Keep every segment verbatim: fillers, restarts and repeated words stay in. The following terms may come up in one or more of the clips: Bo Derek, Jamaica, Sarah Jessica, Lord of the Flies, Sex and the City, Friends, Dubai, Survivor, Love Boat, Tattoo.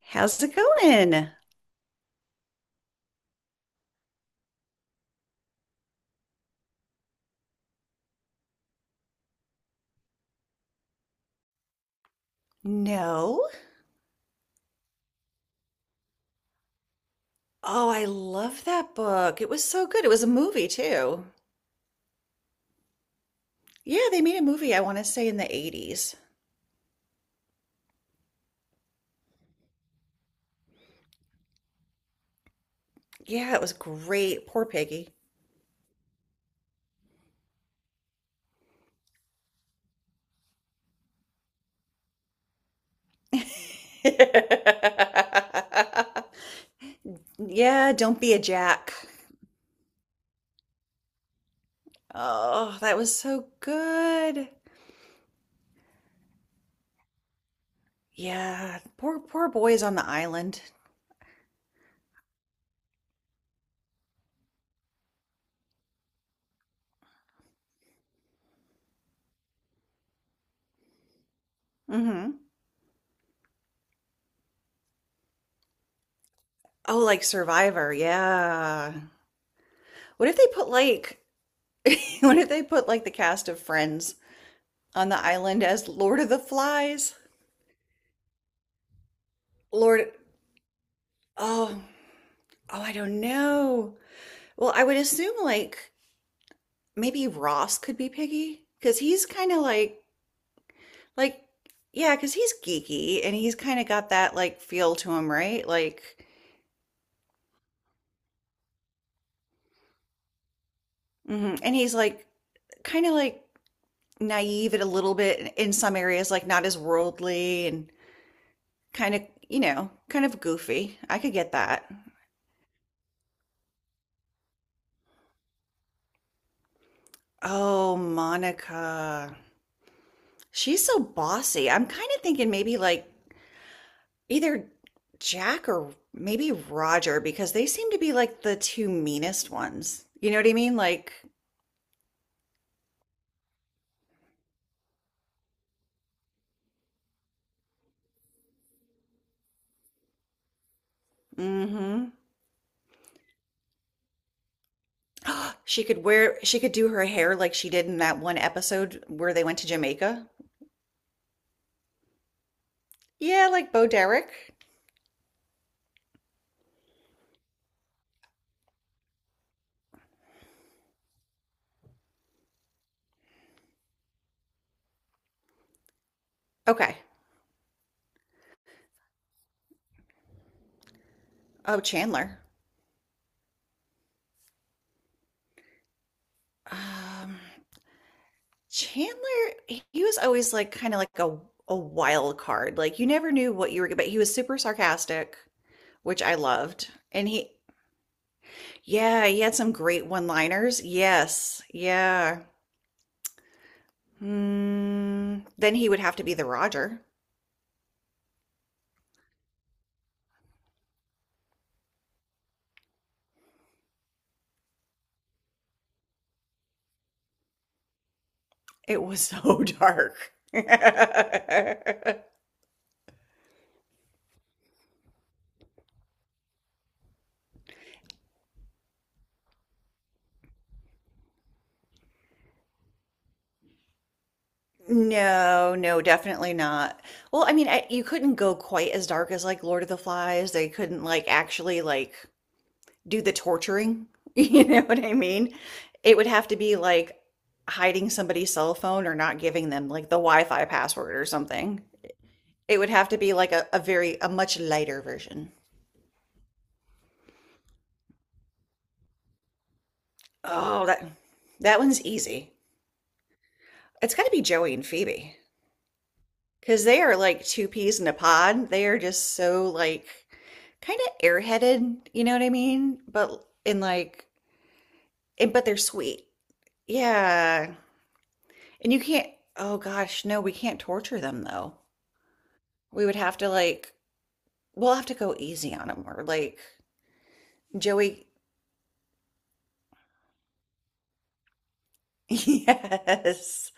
How's it going? No. Oh, I love that book. It was so good. It was a movie, too. Yeah, they made a movie, I want to say, in the eighties. Yeah, it was great. Poor Peggy. Yeah, don't be a jack. Oh, that was so good. Yeah, poor poor boys on the island. Hmm Oh, like Survivor. Yeah. What if they put like what if they put like the cast of Friends on the island as Lord of the Flies. Lord, oh, oh, I don't know. Well, I would assume like maybe Ross could be Piggy because he's kind of like like Yeah, because he's geeky and he's kind of got that like feel to him, right? Like, mhm. And he's like kind of like naive at a little bit in some areas, like not as worldly and kind of you know kind of goofy. I could get that. Oh, Monica. She's so bossy. I'm kind of thinking maybe like either Jack or maybe Roger because they seem to be like the two meanest ones. You know what I mean? Like, mm-hmm. She could wear, she could do her hair like she did in that one episode where they went to Jamaica. Yeah, like Bo Derek. Okay. Oh, Chandler. Um, Chandler, he was always like kind of like a a wild card. Like you never knew what you were, but he was super sarcastic, which I loved. And he yeah, he had some great one-liners. Yes. Yeah. Hmm. Then he would have to be the Roger. It was so dark. No, no, definitely not. Well, I mean, I, you couldn't go quite as dark as like Lord of the Flies. They couldn't like actually like do the torturing. You know what I mean? It would have to be like hiding somebody's cell phone or not giving them like the Wi-Fi password or something. It would have to be like a, a very a much lighter version. Oh, that that one's easy. It's got to be Joey and Phoebe, cause they are like two peas in a pod. They are just so like kind of airheaded, you know what I mean? But in like and but they're sweet. Yeah. And you can't oh gosh, no, we can't torture them though. We would have to like we'll have to go easy on them or like Joey. Yes.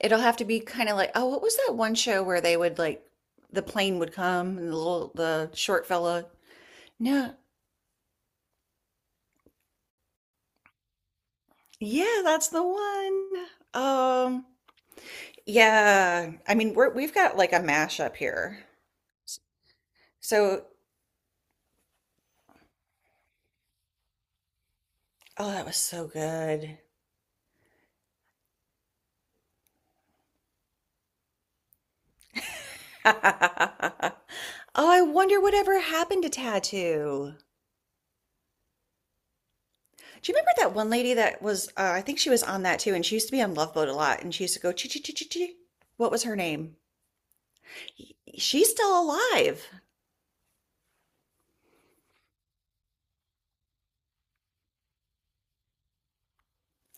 It'll have to be kind of like, oh, what was that one show where they would like the plane would come and the little the short fella? No. Yeah, that's the one. Um, yeah. I mean, we're we've got like a mashup here. So, oh, that was so good. Oh, I wonder whatever happened to Tattoo. Do you remember that one lady that was, uh, I think she was on that too, and she used to be on Love Boat a lot, and she used to go, chi chi chi chi chi. What was her name? She's still alive.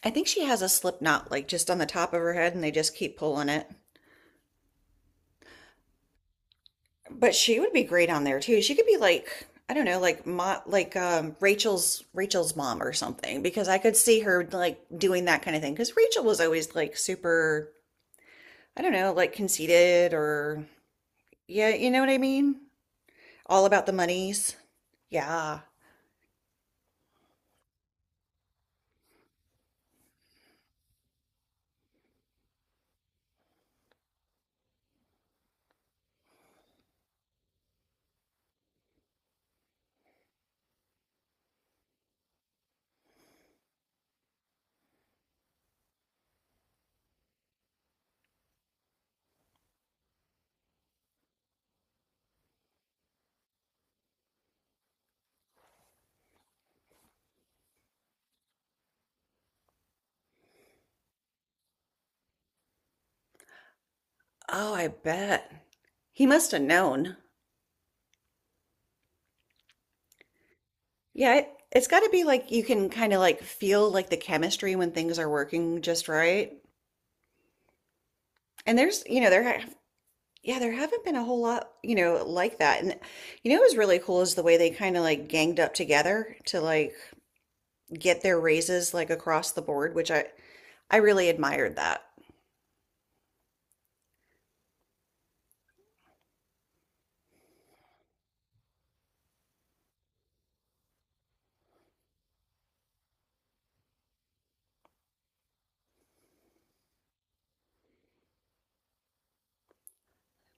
I think she has a slip knot like just on the top of her head and they just keep pulling it. But she would be great on there too. She could be like, I don't know, like mo like um Rachel's Rachel's mom or something because I could see her like doing that kind of thing because Rachel was always like super, I don't know, like conceited or yeah, you know what I mean? All about the monies. Yeah. Oh, I bet. He must have known. Yeah, it, it's got to be like you can kind of like feel like the chemistry when things are working just right. And there's, you know, there have, yeah, there haven't been a whole lot, you know, like that. And you know, what was really cool is the way they kind of like ganged up together to like get their raises like across the board, which I I really admired that.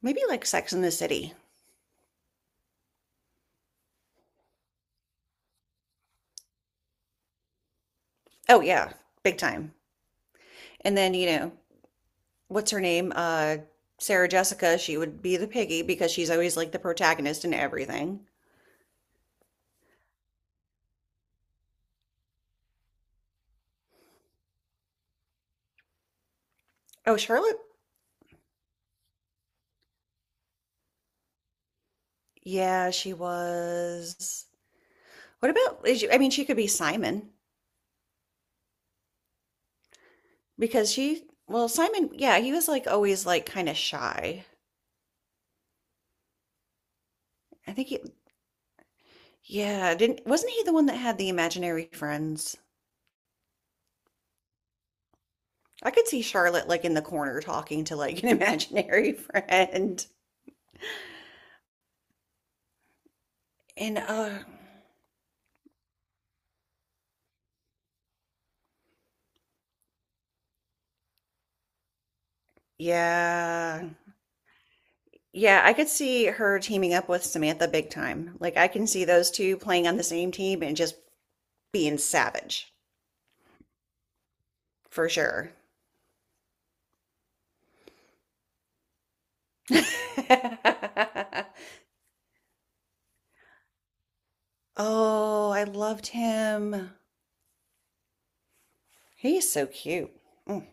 Maybe like Sex in the City. Oh yeah, big time. And then, you know, what's her name? Uh Sarah Jessica, she would be the piggy because she's always like the protagonist in everything. Oh, Charlotte? Yeah, she was. What about, is she- I mean, she could be Simon. Because she, well, Simon, yeah, he was like always like kind of shy. I think he, yeah, didn't, wasn't he the one that had the imaginary friends? I could see Charlotte like in the corner talking to like an imaginary friend. And uh yeah. Yeah, I could see her teaming up with Samantha big time. Like I can see those two playing on the same team and just being savage for sure. Oh, I loved him. He's so cute. Mm.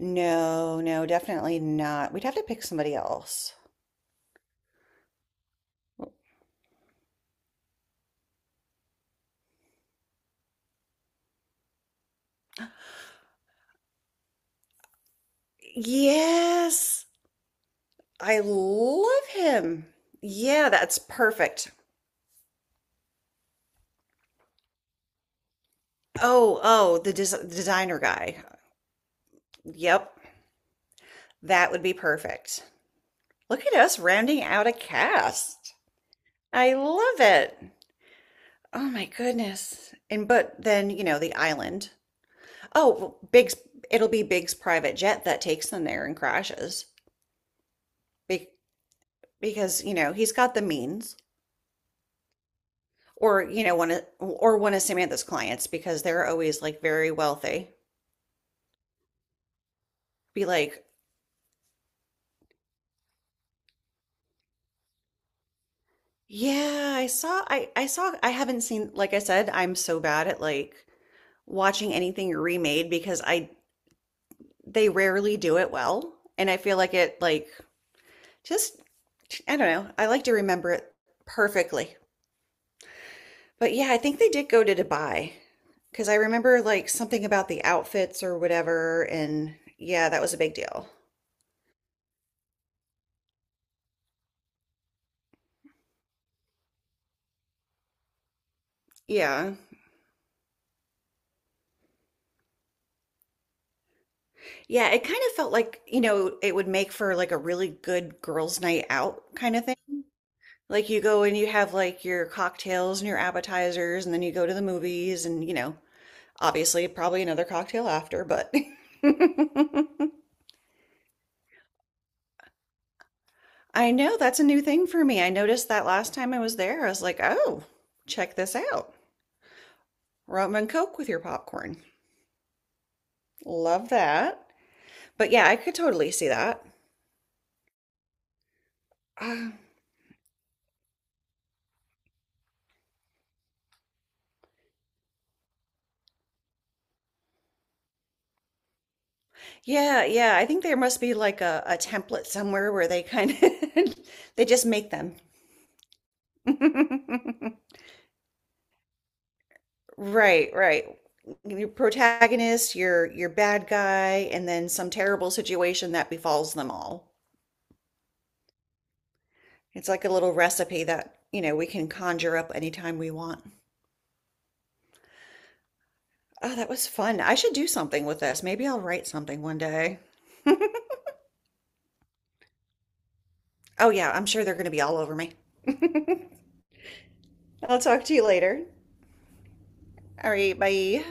No, no, definitely not. We'd have to pick somebody else. Yes, I love him. Yeah, that's perfect. Oh, oh, the des designer guy. Yep, that would be perfect. Look at us rounding out a cast. I love it. Oh my goodness. And but then, you know, the island. Oh, well, Big's, it'll be Big's private jet that takes them there and crashes. Be because, you know, he's got the means. Or you know one of or one of Samantha's clients because they're always like very wealthy be like yeah I saw I I saw I haven't seen like I said I'm so bad at like watching anything remade because I they rarely do it well and I feel like it like just I don't know I like to remember it perfectly but yeah I think they did go to Dubai because I remember like something about the outfits or whatever and yeah that was a big deal yeah. Yeah, it kind of felt like, you know, it would make for like a really good girls' night out kind of thing. Like you go and you have like your cocktails and your appetizers, and then you go to the movies and, you know, obviously probably another cocktail after, but I know that's a new thing for me. I noticed that last time I was there. I was like, oh, check this out. Rum and Coke with your popcorn. Love that. But yeah, I could totally see that. Uh, yeah, yeah. I think there must be like a, a template somewhere where they kind of they just make them. Right, right. Your protagonist, your your bad guy, and then some terrible situation that befalls them all. It's like a little recipe that, you know, we can conjure up anytime we want. Oh, that was fun. I should do something with this. Maybe I'll write something one day. Oh yeah, I'm sure they're going to be all over me. I'll talk to you later. All right, bye.